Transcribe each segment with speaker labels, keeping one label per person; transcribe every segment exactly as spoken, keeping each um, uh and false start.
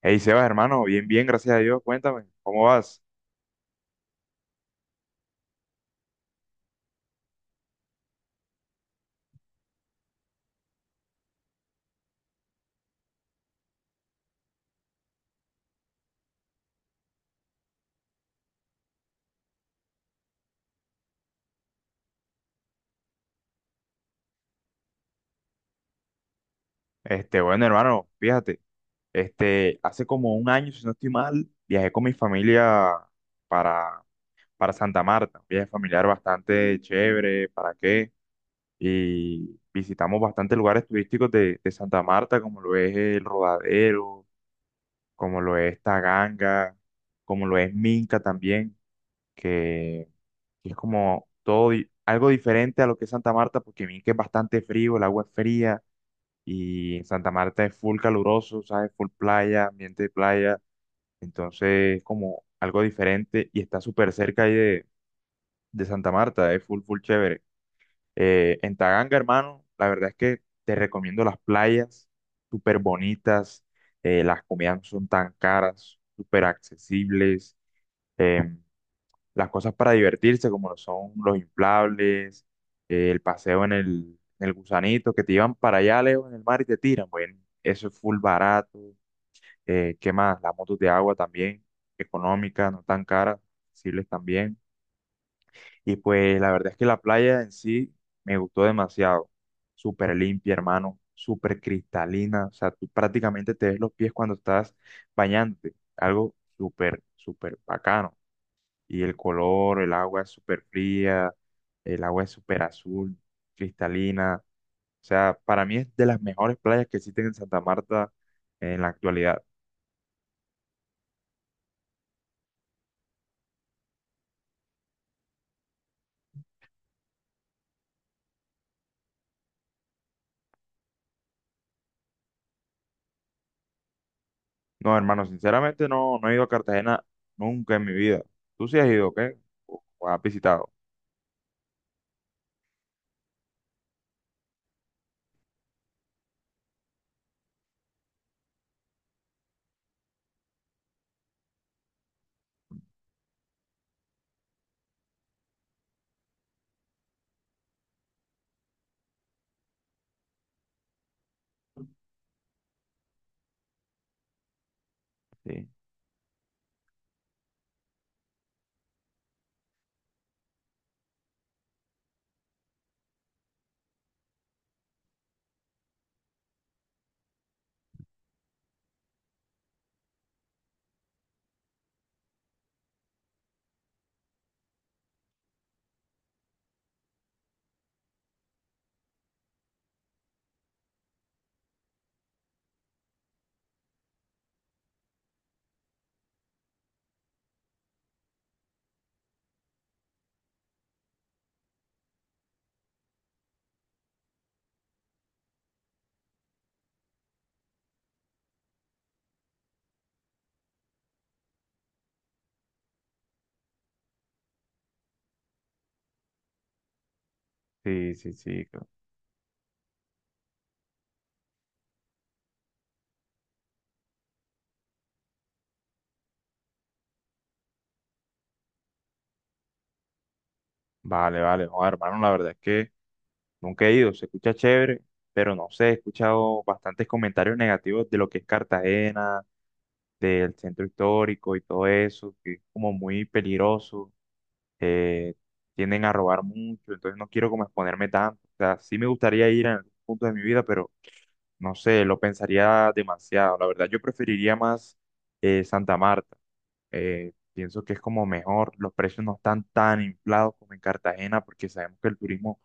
Speaker 1: Hey Sebas, hermano, bien, bien, gracias a Dios. Cuéntame, ¿cómo vas? Este, bueno, hermano, fíjate, este, hace como un año, si no estoy mal, viajé con mi familia para, para Santa Marta, un viaje familiar bastante chévere, ¿para qué? Y visitamos bastantes lugares turísticos de, de Santa Marta, como lo es el Rodadero, como lo es Taganga, como lo es Minca también, que que es como todo di- algo diferente a lo que es Santa Marta, porque Minca es bastante frío, el agua es fría. Y en Santa Marta es full caluroso, ¿sabes? Full playa, ambiente de playa. Entonces es como algo diferente y está súper cerca ahí de, de Santa Marta, es full, full chévere. Eh, en Taganga, hermano, la verdad es que te recomiendo las playas, súper bonitas, eh, las comidas no son tan caras, súper accesibles. em, las cosas para divertirse, como lo son los inflables, eh, el paseo en el, en el gusanito, que te llevan para allá lejos en el mar y te tiran. Bueno, eso es full barato. Eh, ¿qué más? Las motos de agua también, económicas, no tan caras, accesibles también. Y pues la verdad es que la playa en sí me gustó demasiado. Súper limpia, hermano, súper cristalina. O sea, tú prácticamente te ves los pies cuando estás bañándote. Algo súper, súper bacano, y el color, el agua es súper fría, el agua es súper azul, cristalina. O sea, para mí es de las mejores playas que existen en Santa Marta en la actualidad. No, hermano, sinceramente no, no he ido a Cartagena nunca en mi vida. ¿Tú sí has ido, qué? ¿O, o has visitado? Sí, sí, sí, sí, claro. Vale, vale. No, hermano, la verdad es que nunca he ido. Se escucha chévere, pero no sé, he escuchado bastantes comentarios negativos de lo que es Cartagena, del centro histórico y todo eso, que es como muy peligroso. eh, Tienden a robar mucho, entonces no quiero como exponerme tanto. O sea, sí me gustaría ir en algún punto de mi vida, pero no sé, lo pensaría demasiado. La verdad, yo preferiría más, eh, Santa Marta. Eh, pienso que es como mejor, los precios no están tan inflados como en Cartagena, porque sabemos que el turismo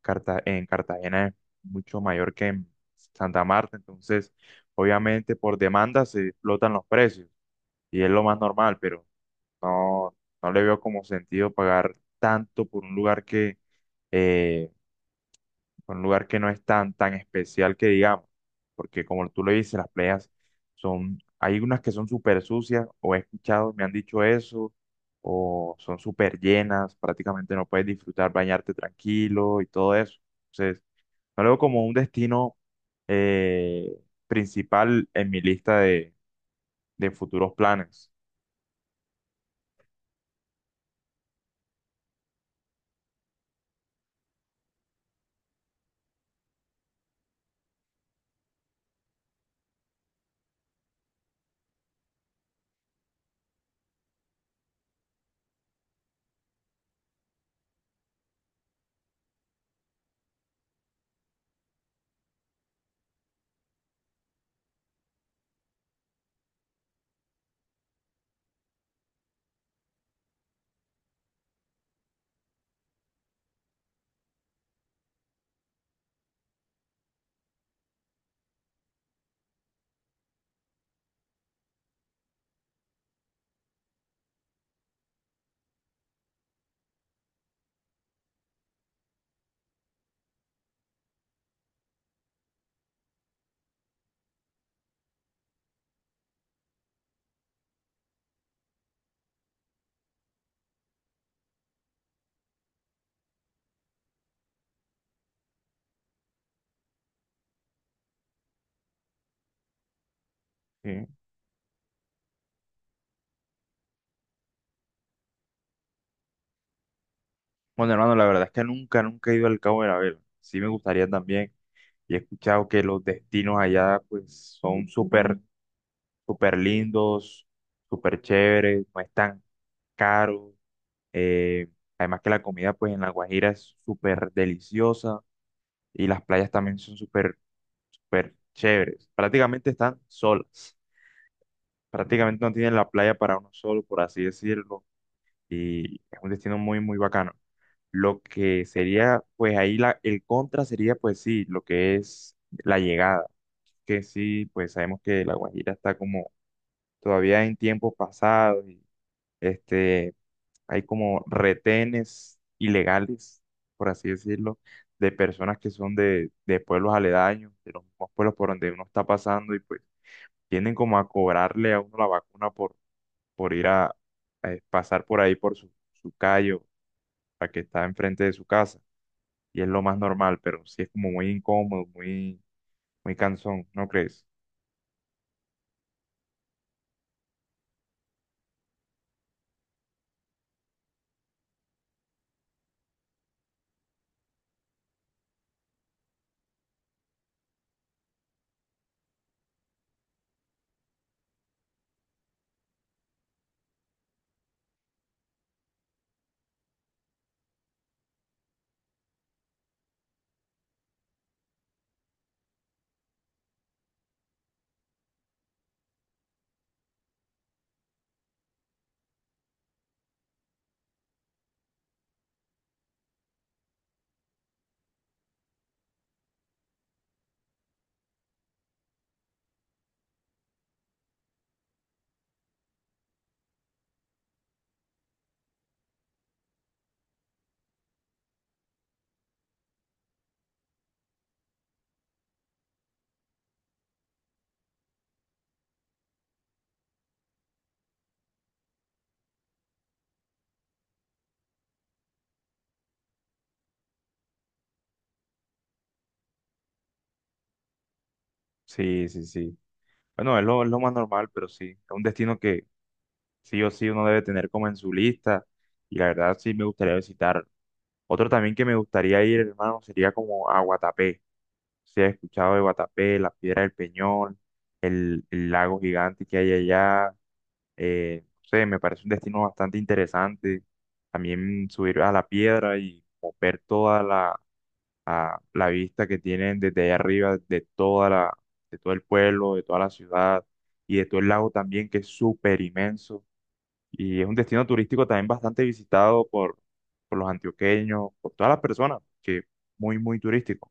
Speaker 1: Carta- en Cartagena es mucho mayor que en Santa Marta, entonces obviamente por demanda se explotan los precios y es lo más normal, pero no, no le veo como sentido pagar tanto por un lugar que, eh, por un lugar que no es tan, tan especial que digamos, porque como tú lo dices, las playas son, hay unas que son súper sucias, o he escuchado, me han dicho eso, o son súper llenas, prácticamente no puedes disfrutar, bañarte tranquilo y todo eso. Entonces, no lo veo como un destino, eh, principal en mi lista de, de futuros planes. ¿Sí? Bueno, hermano, la verdad es que nunca, nunca he ido al Cabo de la Vela. Sí me gustaría también. Y he escuchado que los destinos allá, pues, son súper, súper lindos, súper chéveres, no es tan caro. Eh, Además que la comida, pues, en La Guajira es súper deliciosa y las playas también son súper, súper chéveres. Prácticamente están solas. Prácticamente no tienen la playa para uno solo, por así decirlo. Y es un destino muy, muy bacano. Lo que sería, pues ahí la, el contra sería, pues sí, lo que es la llegada, que sí, pues sabemos que La Guajira está como todavía en tiempos pasados, y, este, hay como retenes ilegales, por así decirlo, de personas que son de, de pueblos aledaños, de los mismos pueblos por donde uno está pasando y pues tienden como a cobrarle a uno la vacuna por, por ir a, a pasar por ahí por su, su callo, la que está enfrente de su casa. Y es lo más normal, pero sí es como muy incómodo, muy, muy cansón, ¿no crees? Sí, sí, sí. Bueno, es lo, es lo más normal, pero sí. Es un destino que sí o sí uno debe tener como en su lista. Y la verdad sí me gustaría visitar. Otro también que me gustaría ir, hermano, sería como a Guatapé. Si has escuchado de Guatapé, la Piedra del Peñón, el, el lago gigante que hay allá. Eh, no sé, me parece un destino bastante interesante. También subir a la piedra y como ver toda la, a- la vista que tienen desde allá arriba de toda la, de todo el pueblo, de toda la ciudad y de todo el lago también, que es súper inmenso. Y es un destino turístico también bastante visitado por, por los antioqueños, por todas las personas, que es muy, muy turístico.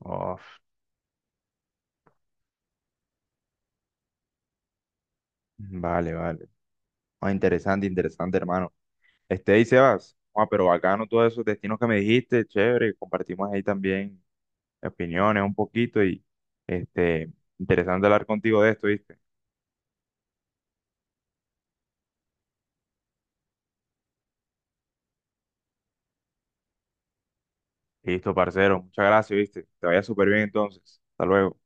Speaker 1: Uf, vale, vale. Ah, interesante, interesante, hermano. Este, ahí Sebas, ah, pero bacano todos esos destinos que me dijiste, chévere, compartimos ahí también opiniones un poquito y este, interesante hablar contigo de esto, ¿viste? Listo, parcero, muchas gracias, ¿viste? Te vaya súper bien entonces, hasta luego.